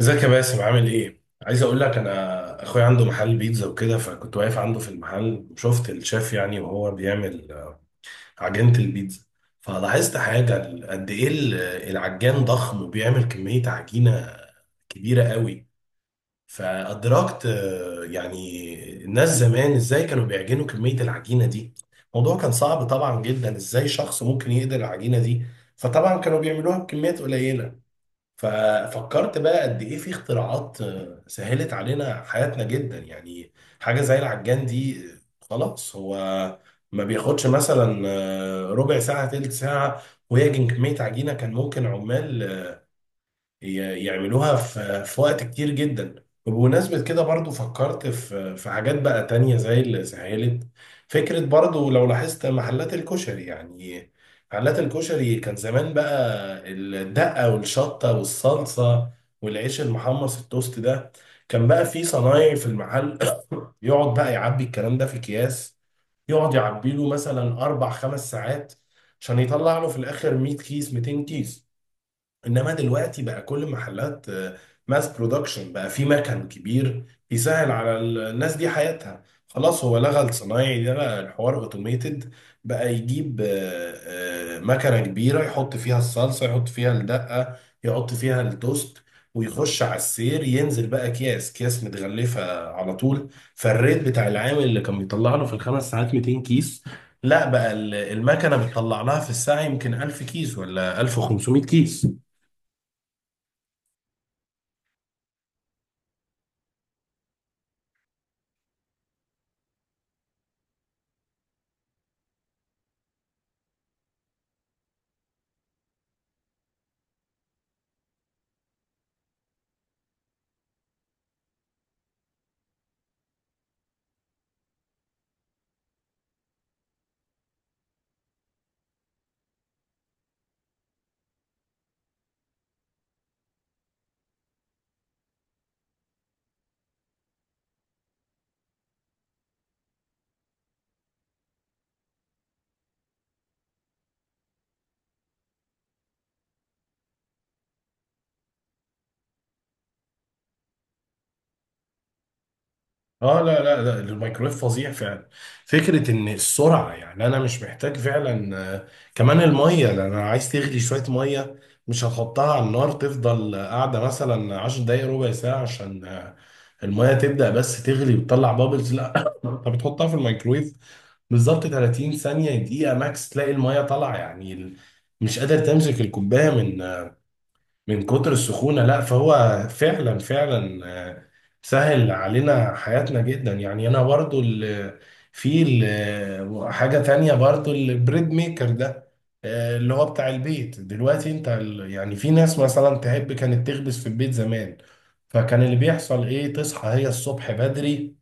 ازيك يا باسم، عامل ايه؟ عايز اقول لك، انا اخويا عنده محل بيتزا وكده، فكنت واقف عنده في المحل وشفت الشيف يعني وهو بيعمل عجينة البيتزا. فلاحظت حاجة، قد ايه العجان ضخم وبيعمل كمية عجينة كبيرة قوي. فادركت يعني الناس زمان ازاي كانوا بيعجنوا كمية العجينة دي. الموضوع كان صعب طبعا جدا، ازاي شخص ممكن يقدر العجينة دي. فطبعا كانوا بيعملوها بكميات قليلة. ففكرت بقى قد ايه في اختراعات سهلت علينا حياتنا جدا يعني. حاجه زي العجان دي، خلاص هو ما بياخدش مثلا ربع ساعه تلت ساعه ويعجن كميه عجينه كان ممكن عمال يعملوها في وقت كتير جدا. وبمناسبة كده برضو فكرت في حاجات بقى تانية زي اللي سهلت. فكرة برضو، لو لاحظت محلات الكشري يعني. محلات الكشري كان زمان بقى الدقة والشطة والصلصة والعيش المحمص التوست ده، كان بقى في صنايعي في المحل يقعد بقى يعبي الكلام ده في اكياس، يقعد يعبي له مثلا اربع خمس ساعات عشان يطلع له في الاخر 100 كيس 200 كيس. انما دلوقتي بقى كل المحلات ماس برودكشن، بقى في مكن كبير بيسهل على الناس دي حياتها. خلاص هو لغى الصنايعي ده، بقى الحوار اوتوميتد، بقى يجيب مكنه كبيره، يحط فيها الصلصه، يحط فيها الدقه، يحط فيها التوست، ويخش على السير، ينزل بقى اكياس اكياس متغلفه على طول. فالريت بتاع العامل اللي كان بيطلع له في الخمس ساعات 200 كيس، لا بقى المكنه بتطلع لها في الساعه يمكن 1000 كيس ولا 1500 كيس. اه، لا لا لا، الميكرويف فظيع فعلا. فكره ان السرعه، يعني انا مش محتاج فعلا كمان الميه، لان انا عايز تغلي شويه ميه، مش هتحطها على النار تفضل قاعده مثلا 10 دقائق ربع ساعه عشان الميه تبدا بس تغلي وتطلع بابلز. لا انت بتحطها في الميكرويف بالظبط 30 ثانيه دقيقه ماكس تلاقي الميه طالعه، يعني مش قادر تمسك الكوبايه من كتر السخونة. لا فهو فعلا فعلا آه، سهل علينا حياتنا جدا يعني. انا برضو في حاجة تانية برضو، البريد ميكر ده، اللي هو بتاع البيت. دلوقتي انت يعني في ناس مثلا تحب كانت تخبز في البيت زمان، فكان اللي بيحصل ايه، تصحى هي الصبح بدري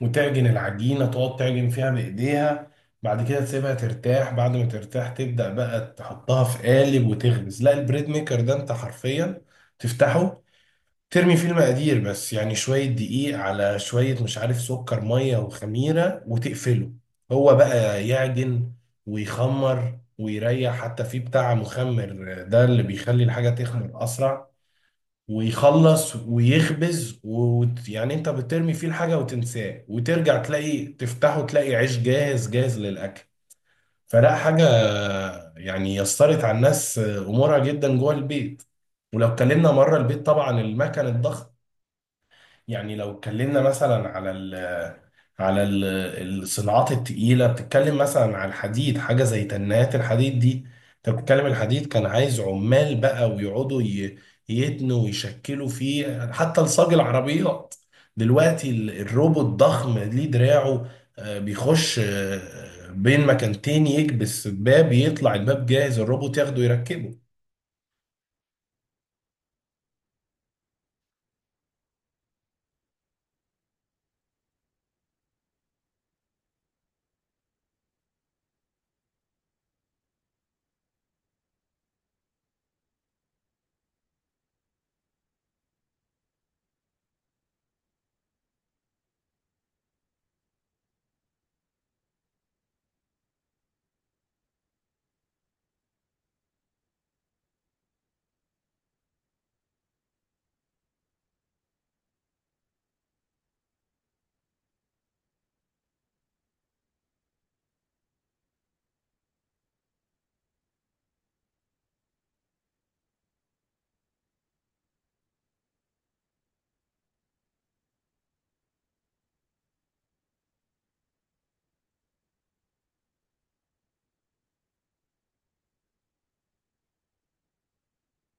وتعجن العجينة، تقعد تعجن فيها بإيديها، بعد كده تسيبها ترتاح، بعد ما ترتاح تبدأ بقى تحطها في قالب وتخبز. لا البريد ميكر ده انت حرفيا تفتحه، ترمي فيه المقادير بس، يعني شوية دقيق على شوية مش عارف سكر مية وخميرة، وتقفله، هو بقى يعجن ويخمر ويريح، حتى فيه بتاع مخمر ده اللي بيخلي الحاجة تخمر أسرع، ويخلص ويخبز، ويعني انت بترمي فيه الحاجة وتنساه وترجع تلاقي، تفتحه تلاقي عيش جاهز جاهز للأكل. فلا، حاجة يعني يسرت على الناس أمورها جدا جوه البيت. ولو اتكلمنا مرة البيت طبعا، المكن الضخم، يعني لو اتكلمنا مثلا على الصناعات التقيلة، بتتكلم مثلا عن الحديد، حاجة زي تنات الحديد دي. انت بتتكلم الحديد كان عايز عمال بقى، ويقعدوا يتنوا ويشكلوا فيه حتى لصاج العربيات. دلوقتي الروبوت ضخم ليه دراعه، بيخش بين مكانتين، يكبس باب، يطلع الباب جاهز، الروبوت ياخده يركبه.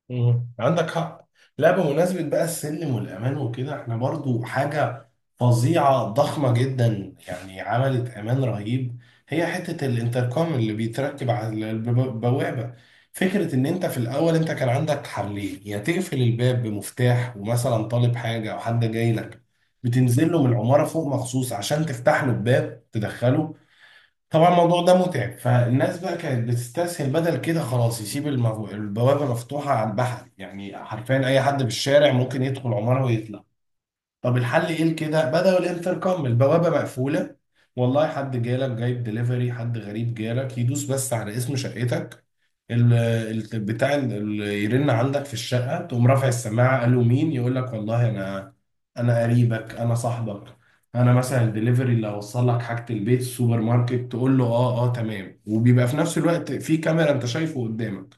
مم. عندك حق. لا بمناسبة بقى السلم والأمان وكده، احنا برضو حاجة فظيعة ضخمة جدا يعني عملت أمان رهيب، هي حتة الانتركم اللي بيتركب على البوابة. فكرة إن أنت في الأول، أنت كان عندك حلين، يا تقفل الباب بمفتاح، ومثلا طالب حاجة أو حد جاي لك بتنزل له من العمارة فوق مخصوص عشان تفتح له الباب تدخله. طبعا الموضوع ده متعب، فالناس بقى كانت بتستسهل بدل كده، خلاص يسيب البوابة مفتوحة على البحر، يعني حرفيا أي حد بالشارع ممكن يدخل عمارة ويطلع. طب الحل ايه؟ كده بدأوا الانتركم، البوابة مقفولة، والله حد جالك جايب دليفري، حد غريب جالك، يدوس بس على اسم شقتك، ال- بتاع يرن عندك في الشقة، تقوم رافع السماعة، قالوا مين، يقول لك والله انا، انا قريبك، انا صاحبك، انا مثلا الدليفري اللي هوصل لك حاجة البيت السوبر ماركت، تقول له اه اه تمام. وبيبقى في نفس الوقت في كاميرا انت شايفه قدامك،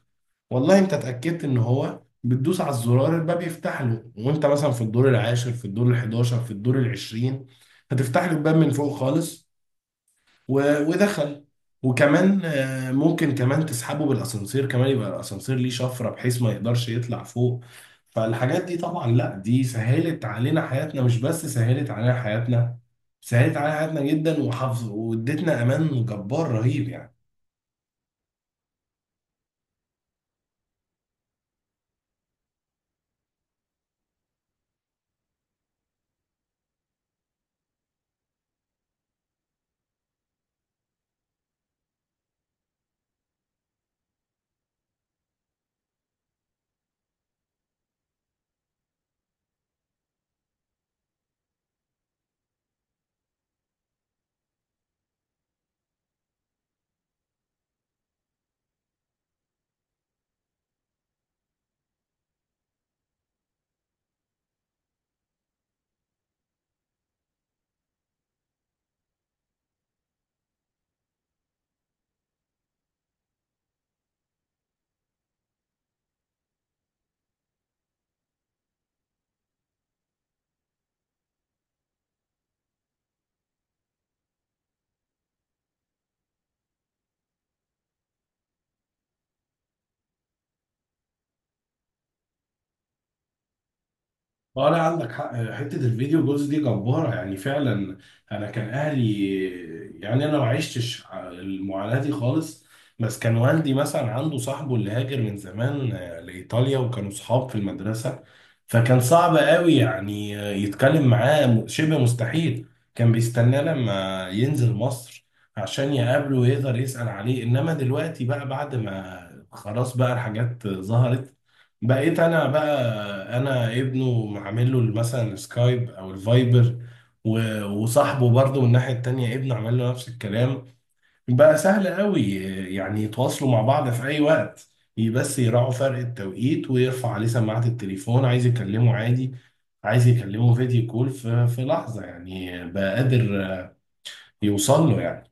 والله انت اتأكدت ان هو، بتدوس على الزرار، الباب يفتح له. وانت مثلا في الدور العاشر، في الدور الحداشر، في الدور العشرين، هتفتح له الباب من فوق خالص و... ودخل. وكمان ممكن كمان تسحبه بالاسانسير، كمان يبقى الاسانسير ليه شفرة بحيث ما يقدرش يطلع فوق. فالحاجات دي طبعا، لا دي سهلت علينا حياتنا، مش بس سهلت علينا حياتنا، سهلت علينا حياتنا جدا وحفظ وادتنا امان جبار رهيب يعني. اه لا، عندك حق، حته الفيديو جولز دي جباره يعني فعلا. انا كان اهلي، يعني انا ما عشتش المعاناه دي خالص، بس كان والدي مثلا عنده صاحبه اللي هاجر من زمان لايطاليا، وكانوا صحاب في المدرسه. فكان صعب قوي يعني يتكلم معاه، شبه مستحيل، كان بيستناه لما ينزل مصر عشان يقابله ويقدر يسأل عليه. انما دلوقتي بقى بعد ما خلاص بقى الحاجات ظهرت، بقيت انا بقى، انا ابنه معامل له مثلا السكايب او الفايبر، وصاحبه برضه من الناحيه التانيه ابنه عمل له نفس الكلام. بقى سهل قوي يعني يتواصلوا مع بعض في اي وقت، بس يراعوا فرق التوقيت ويرفع عليه سماعه التليفون عايز يكلمه عادي، عايز يكلمه فيديو كول في لحظه، يعني بقى قادر يوصل له يعني.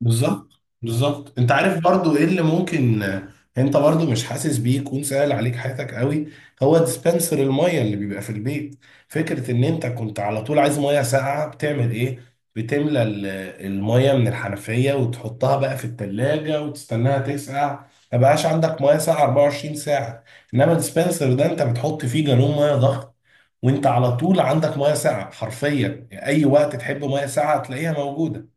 بالظبط. بالظبط انت عارف برضو ايه اللي ممكن انت برضو مش حاسس بيه يكون سهل عليك حياتك قوي؟ هو ديسبنسر المية اللي بيبقى في البيت. فكرة ان انت كنت على طول عايز مية ساقعة، بتعمل ايه، بتملى المية من الحنفية وتحطها بقى في التلاجة وتستناها تسقع، ما بقاش عندك مية ساقعة 24 ساعة. انما الديسبنسر ده انت بتحط فيه جالون مية ضغط، وانت على طول عندك مية ساقعة حرفيا، يعني اي وقت تحب مية ساقعة تلاقيها موجودة.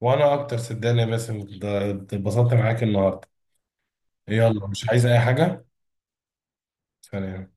وانا اكتر، صدقني يا باسم، اتبسطت معاك النهارده. يلا، مش عايز اي حاجه. سلام.